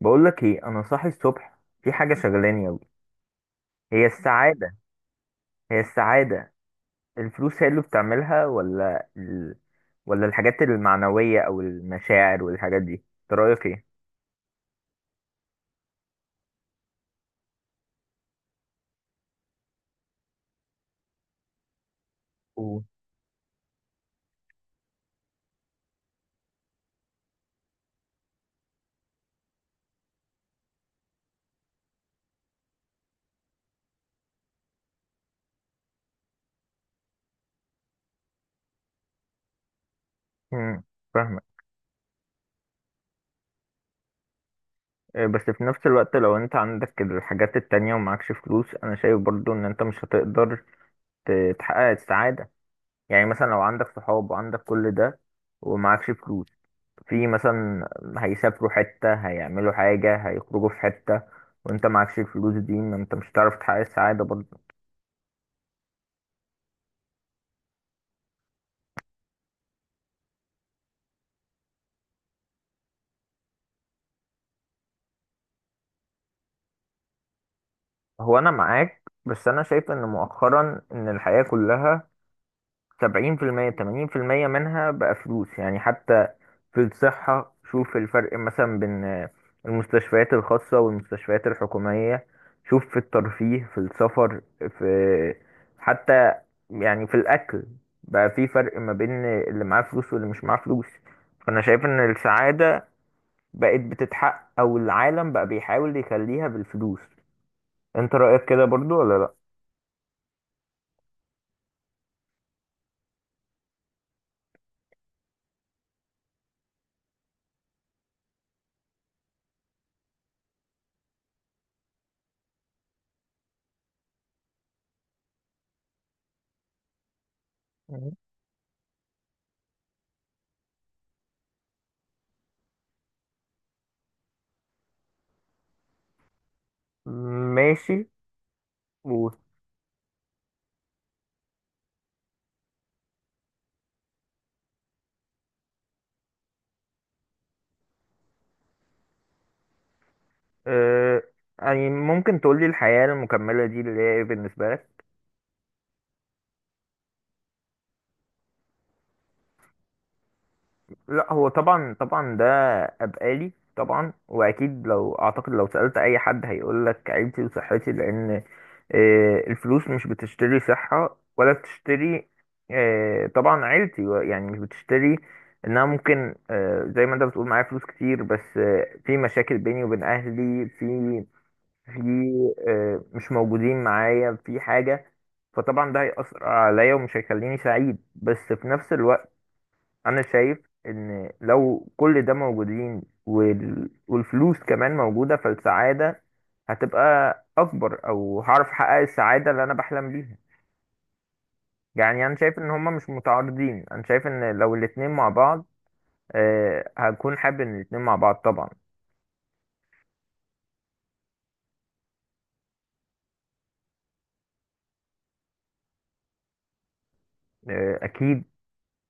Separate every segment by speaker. Speaker 1: بقول لك ايه، انا صاحي الصبح في حاجه شغلاني قوي. هي السعاده. هي السعاده. الفلوس هي اللي بتعملها ولا ولا الحاجات المعنويه او المشاعر والحاجات دي؟ انت رايك ايه؟ و- امم. فاهمك. إيه، بس في نفس الوقت لو انت عندك الحاجات التانية ومعكش فلوس، انا شايف برضو ان انت مش هتقدر تحقق السعاده. يعني مثلا لو عندك صحاب وعندك كل ده ومعكش فلوس، في مثلا هيسافروا حتة، هيعملوا حاجة، هيخرجوا في حتة، وانت معكش الفلوس دي، ما انت مش هتعرف تحقق السعادة برضه. هو انا معاك، بس انا شايف ان مؤخرا ان الحياة كلها 70% 80% منها بقى فلوس، يعني حتى في الصحة شوف الفرق مثلا بين المستشفيات الخاصة والمستشفيات الحكومية. شوف في الترفيه، في السفر، في، حتى يعني في الأكل، بقى في فرق ما بين اللي معاه فلوس واللي مش معاه فلوس. فأنا شايف إن السعادة بقت بتتحقق، أو العالم بقى بيحاول يخليها بالفلوس. أنت رأيك كده برضو ولا لأ؟ ماشي. و... آه... يعني ممكن تقولي الحياة المكملة دي اللي هي إيه بالنسبة لك؟ لا هو طبعا طبعا ده ابقالي طبعا، واكيد لو اعتقد لو سألت اي حد هيقول لك عيلتي وصحتي، لان الفلوس مش بتشتري صحة ولا بتشتري، طبعا عيلتي يعني مش بتشتري. انها ممكن زي ما انت بتقول، معايا فلوس كتير بس في مشاكل بيني وبين اهلي، في، في، مش موجودين معايا في حاجة، فطبعا ده هيأثر عليا ومش هيخليني سعيد. بس في نفس الوقت انا شايف ان لو كل ده موجودين والفلوس كمان موجودة، فالسعادة هتبقى اكبر، او هعرف احقق السعادة اللي انا بحلم بيها. يعني انا شايف ان هما مش متعارضين، انا شايف ان لو الاتنين مع بعض، أه هكون حابب ان الاتنين مع بعض طبعا. أه اكيد.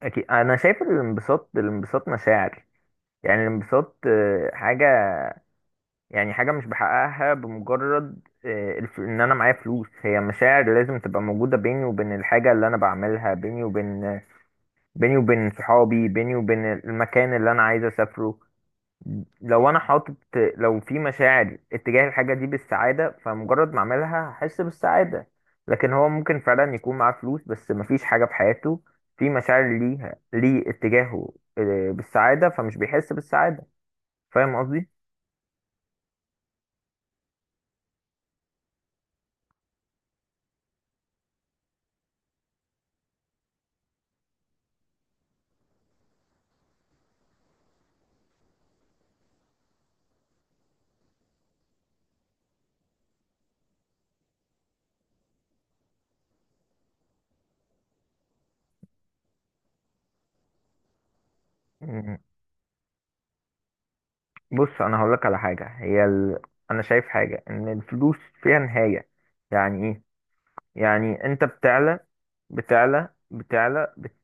Speaker 1: اكيد انا شايف الانبساط. الانبساط مشاعر، يعني الانبساط أه حاجة، يعني حاجة مش بحققها بمجرد ان انا معايا فلوس. هي مشاعر لازم تبقى موجودة بيني وبين الحاجة اللي انا بعملها، بيني وبين، بيني وبين صحابي، بيني وبين المكان اللي انا عايز اسافره. لو انا حاطط، لو في مشاعر اتجاه الحاجة دي بالسعادة، فمجرد ما اعملها هحس بالسعادة. لكن هو ممكن فعلا يكون معاه فلوس بس مفيش حاجة في حياته، في مشاعر ليها اتجاهه بالسعادة، فمش بيحس بالسعادة. فاهم قصدي؟ بص انا هقول لك على حاجه. هي انا شايف حاجه ان الفلوس فيها نهايه. يعني ايه؟ يعني انت بتعلى، بتعلى،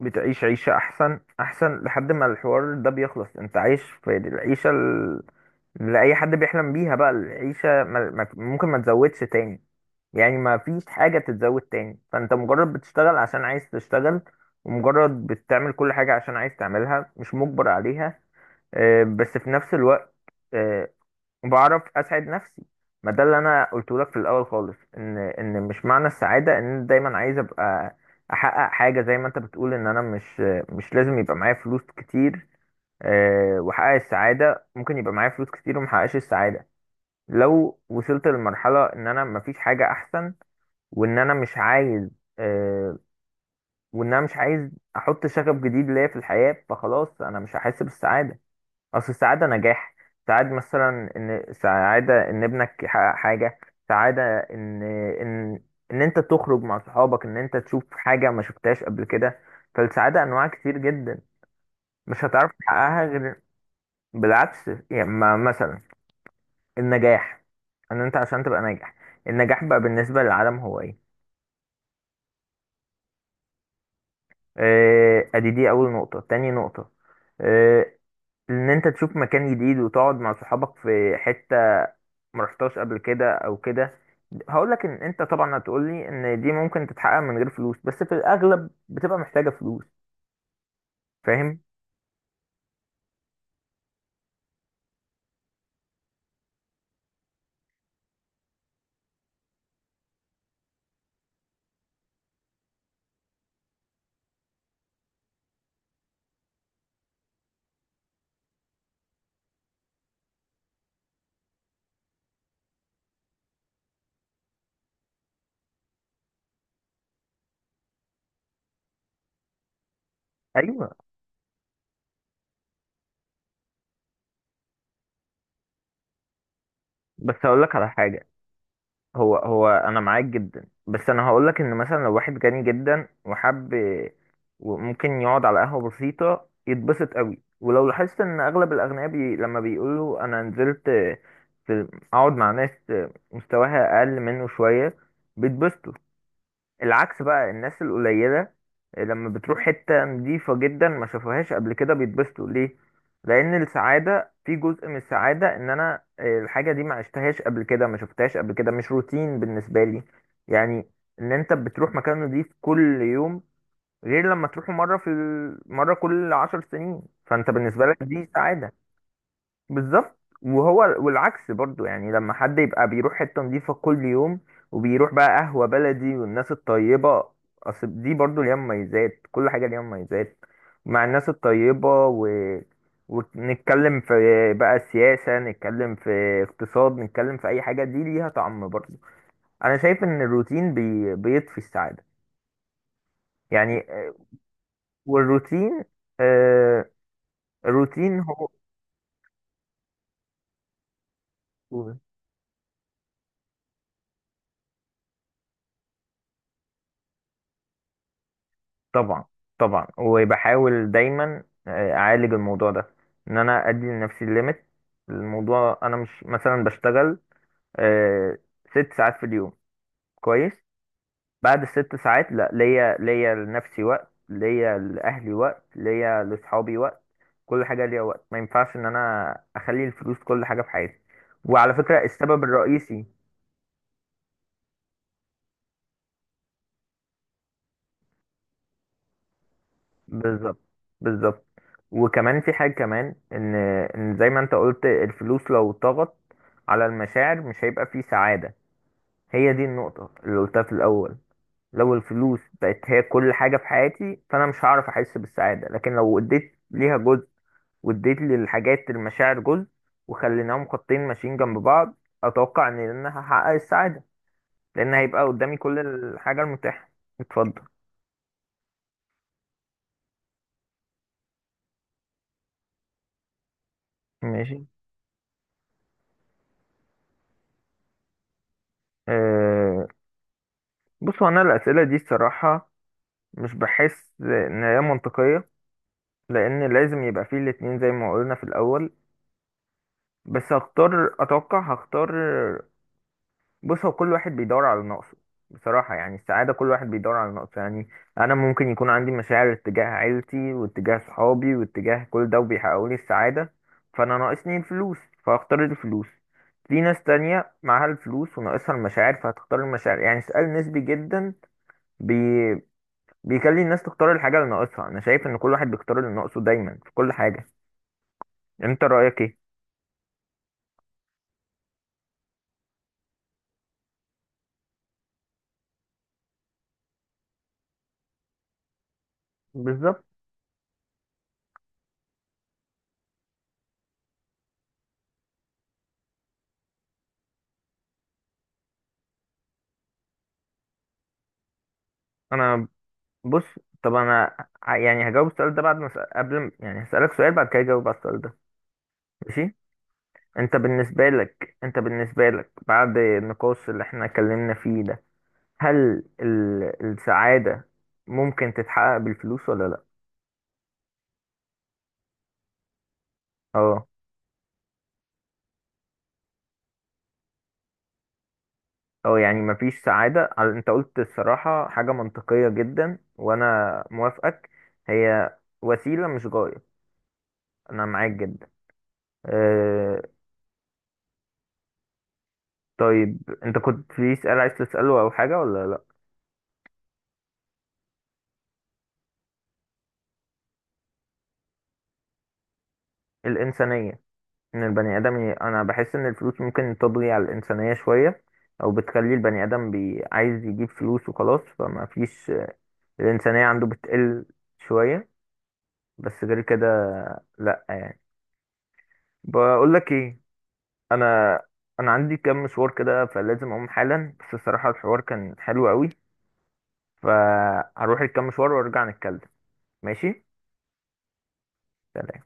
Speaker 1: بتعيش عيشه احسن احسن لحد ما الحوار ده بيخلص. انت عايش في العيشه اللي اي حد بيحلم بيها، بقى العيشه ما... ما... ممكن ما تزودش تاني، يعني ما فيش حاجه تتزود تاني، فانت مجرد بتشتغل عشان عايز تشتغل، ومجرد بتعمل كل حاجه عشان عايز تعملها، مش مجبر عليها. بس في نفس الوقت آه، وبعرف اسعد نفسي. ما ده اللي انا قلته لك في الاول خالص، ان مش معنى السعاده ان أنا دايما عايز ابقى احقق حاجه. زي ما انت بتقول، ان انا مش، مش لازم يبقى معايا فلوس كتير واحقق السعاده. ممكن يبقى معايا فلوس كتير ومحققش السعاده، لو وصلت لمرحله ان انا مفيش حاجه احسن، وان انا مش عايز آه، وان انا مش عايز احط شغف جديد ليا في الحياه، فخلاص انا مش هحس بالسعاده. اصل السعاده نجاح. سعاد مثلا، ان سعاده ان ابنك يحقق حاجه، سعاده ان، ان، ان انت تخرج مع صحابك، ان انت تشوف حاجه ما شفتهاش قبل كده. فالسعاده انواع كتير جدا، مش هتعرف تحققها غير. بالعكس، يعني مثلا النجاح، ان انت عشان تبقى ناجح، النجاح بقى بالنسبه للعالم هو ايه؟ ادي دي اول نقطه. تاني نقطه، آه، ان انت تشوف مكان جديد وتقعد مع صحابك في حته ما رحتهاش قبل كده او كده. هقول لك ان انت طبعا هتقول لي ان دي ممكن تتحقق من غير فلوس، بس في الاغلب بتبقى محتاجه فلوس. فاهم؟ ايوه. بس هقول لك على حاجه. هو انا معاك جدا، بس انا هقول لك ان مثلا لو واحد غني جدا وحب، وممكن يقعد على قهوه بسيطه يتبسط قوي. ولو لاحظت ان اغلب الاغنياء لما بيقولوا انا نزلت في، اقعد مع ناس مستواها اقل منه شويه، بيتبسطوا. العكس بقى الناس القليلة، لما بتروح حتة نظيفة جدا ما شافوهاش قبل كده بيتبسطوا. ليه؟ لأن السعادة في، جزء من السعادة إن أنا الحاجة دي ما عشتهاش قبل كده، ما شفتهاش قبل كده، مش روتين بالنسبة لي. يعني إن أنت بتروح مكان نظيف كل يوم، غير لما تروحه مرة في مرة كل 10 سنين. فأنت بالنسبة لك دي سعادة. بالظبط. وهو والعكس برضو، يعني لما حد يبقى بيروح حتة نظيفة كل يوم، وبيروح بقى قهوة بلدي والناس الطيبة، أصل دي برضو ليها مميزات، كل حاجة ليها مميزات. مع الناس الطيبة ونتكلم في، بقى سياسة، نتكلم في اقتصاد، نتكلم في أي حاجة، دي ليها طعم برضو. أنا شايف إن الروتين بيطفي السعادة، يعني والروتين آه، الروتين هو، طبعا. طبعا وبحاول دايما اعالج الموضوع ده، ان انا ادي لنفسي الليميت. الموضوع، انا مش مثلا بشتغل آه، 6 ساعات في اليوم، كويس، بعد ال6 ساعات لا، ليا، ليا لنفسي وقت، ليا لاهلي وقت، ليا لاصحابي وقت، كل حاجه ليا وقت. ما ينفعش ان انا اخلي الفلوس كل حاجه في حياتي. وعلى فكره السبب الرئيسي، بالظبط. بالظبط. وكمان في حاجة كمان، ان زي ما انت قلت، الفلوس لو طغت على المشاعر مش هيبقى في سعادة. هي دي النقطة اللي قلتها في الأول. لو الفلوس بقت هي كل حاجة في حياتي، فأنا مش هعرف أحس بالسعادة. لكن لو اديت ليها جزء، واديت للحاجات المشاعر جزء، وخليناهم خطين ماشيين جنب بعض، أتوقع إن أنا هحقق السعادة، لأن هيبقى قدامي كل الحاجة المتاحة. اتفضل. ماشي. أه. بصوا، أنا الأسئلة دي الصراحة مش بحس ان هي منطقية، لان لازم يبقى فيه الاتنين زي ما قلنا في الاول. بس هختار، اتوقع هختار، بص هو كل واحد بيدور على نقصه بصراحة. يعني السعادة كل واحد بيدور على نقصه، يعني انا ممكن يكون عندي مشاعر اتجاه عيلتي واتجاه صحابي واتجاه كل ده، وبيحققوا لي السعادة، فانا ناقصني الفلوس، فهختار الفلوس. في ناس تانية معاها الفلوس وناقصها المشاعر، فهتختار المشاعر. يعني سؤال نسبي جدا، بيخلي الناس تختار الحاجة اللي ناقصها. أنا شايف إن كل واحد بيختار اللي ناقصه دايما في كل حاجة. أنت رأيك إيه؟ بالظبط. أنا، بص، طب أنا يعني هجاوب السؤال ده بعد ما أسأل- قبل ما- يعني هسألك سؤال بعد كده أجاوب على السؤال ده. ماشي؟ أنت بالنسبة لك، أنت بالنسبة لك بعد النقاش اللي إحنا اتكلمنا فيه ده، هل السعادة ممكن تتحقق بالفلوس ولا لأ؟ أه. او يعني مفيش سعادة انت قلت الصراحة حاجة منطقية جدا وانا موافقك. هي وسيلة مش غاية. انا معاك جدا. أه. طيب انت كنت في سؤال عايز تسأله او حاجة ولا لا؟ الانسانية. ان البني ادم انا بحس ان الفلوس ممكن تضغي على الانسانية شوية، او بتخلي البني ادم عايز يجيب فلوس وخلاص، فما فيش، الانسانية عنده بتقل شوية. بس غير كده لا، يعني. بقول لك ايه، انا انا عندي كام مشوار كده فلازم اقوم حالا. بس الصراحة الحوار كان حلو قوي، فهروح الكام مشوار وارجع نتكلم. ماشي. سلام.